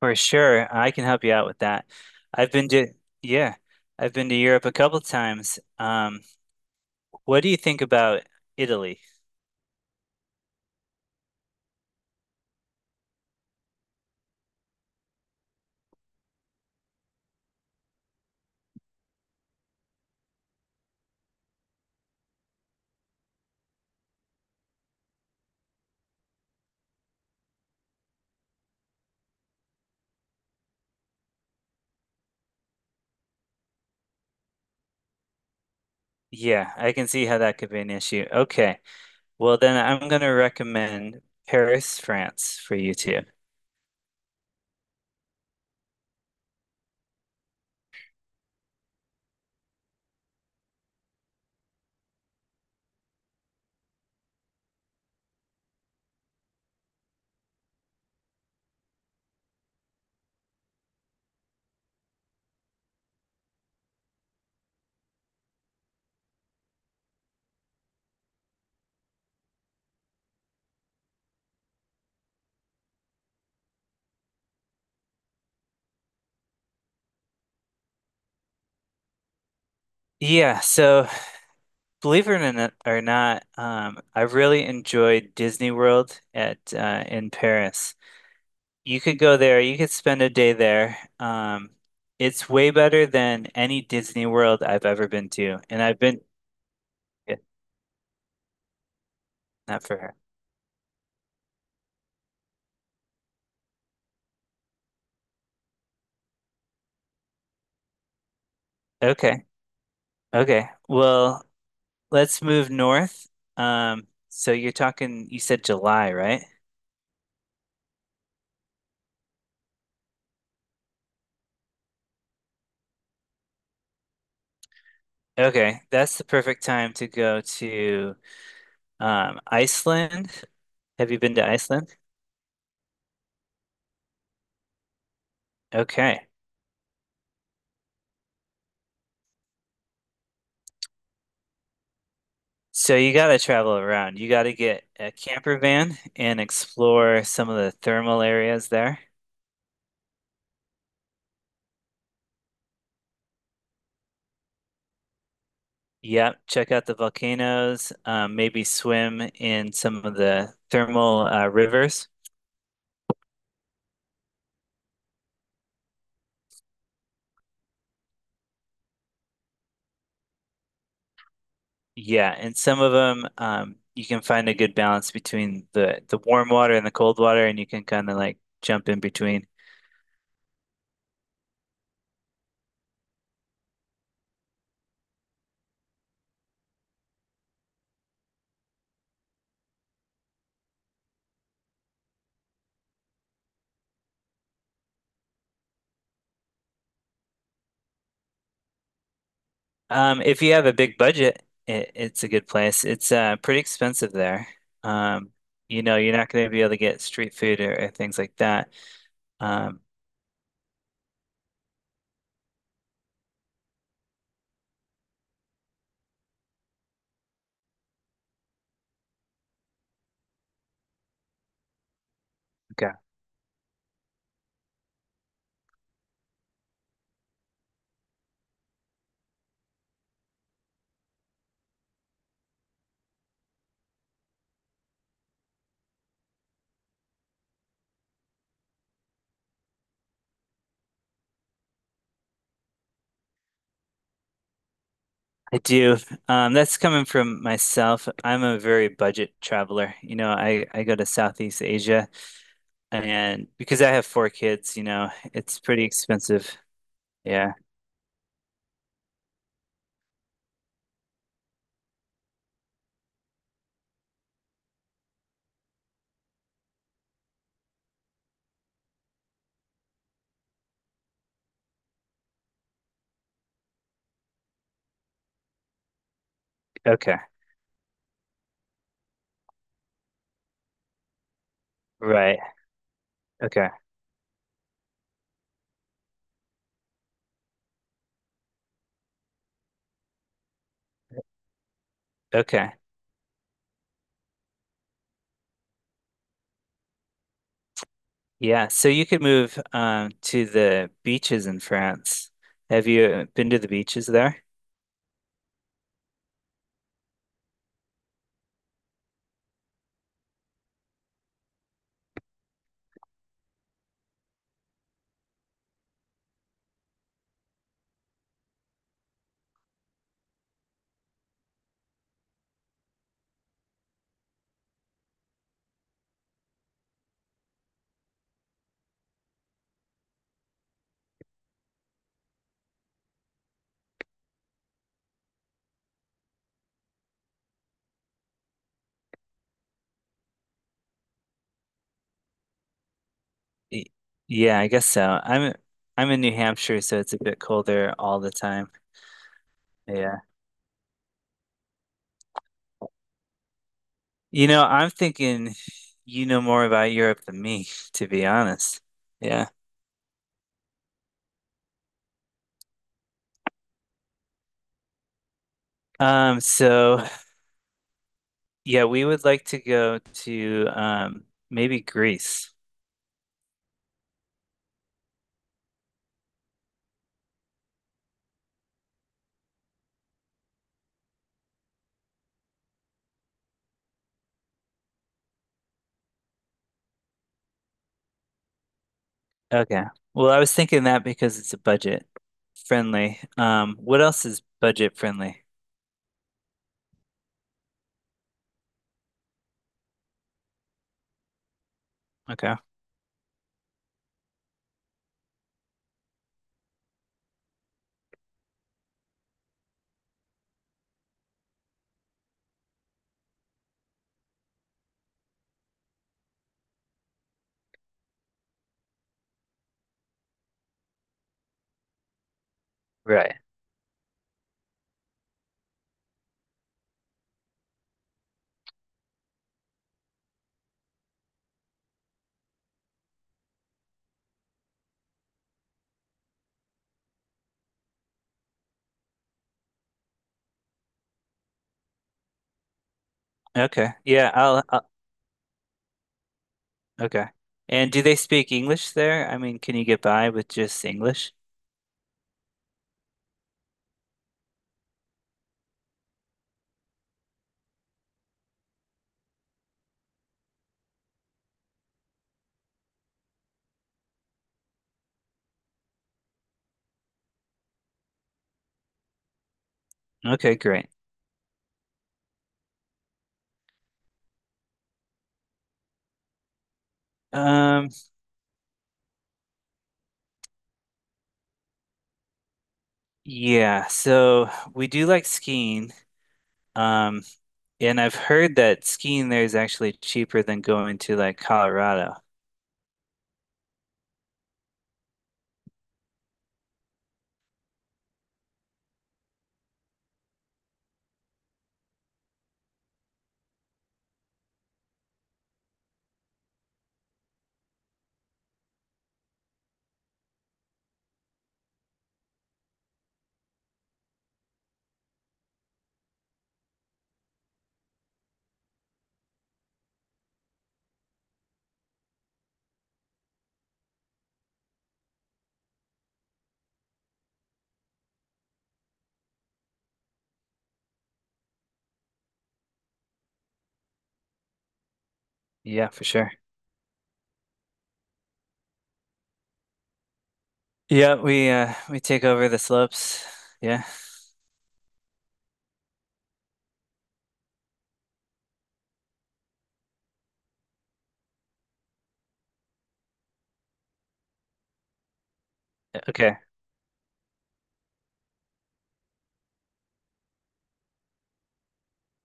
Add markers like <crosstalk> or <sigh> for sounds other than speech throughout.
For sure, I can help you out with that. I've been to, yeah, I've been to Europe a couple times. What do you think about Italy? Yeah, I can see how that could be an issue. Okay. Well, then I'm going to recommend Paris, France for you too. Yeah, so believe it or not, I really enjoyed Disney World at in Paris. You could go there. You could spend a day there. It's way better than any Disney World I've ever been to, and I've been, yeah, not for her. Okay, okay. Well, let's move north. So you're talking. You said July, right? Okay, that's the perfect time to go to Iceland. Have you been to Iceland? Okay. So you got to travel around. You got to get a camper van and explore some of the thermal areas there. Yeah, check out the volcanoes, maybe swim in some of the thermal rivers. Yeah, and some of them you can find a good balance between the warm water and the cold water, and you can kind of like jump in between. If you have a big budget, it's a good place. It's pretty expensive there. Um, you know, you're not going to be able to get street food or things like that. Um, Okay. I do. That's coming from myself. I'm a very budget traveler. You know, I go to Southeast Asia, and because I have four kids, you know, it's pretty expensive. Yeah. Okay. Right. Okay. Okay. Yeah, so you could move to the beaches in France. Have you been to the beaches there? Y- Yeah, I guess so. I'm in New Hampshire, so it's a bit colder all the time. Yeah. You know, I'm thinking you know more about Europe than me, <laughs> to be honest. Yeah. Um, so yeah, we would like to go to maybe Greece. Okay. Well, I was thinking that because it's a budget friendly. What else is budget friendly? Okay. Right. Okay. Yeah, I'll okay. And do they speak English there? I mean, can you get by with just English? Okay, great. Um, yeah, so we do like skiing. Um, and I've heard that skiing there is actually cheaper than going to like Colorado. Yeah, for sure. Yeah, we take over the slopes. Yeah. Okay.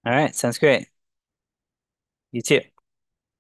All right, sounds great. You too.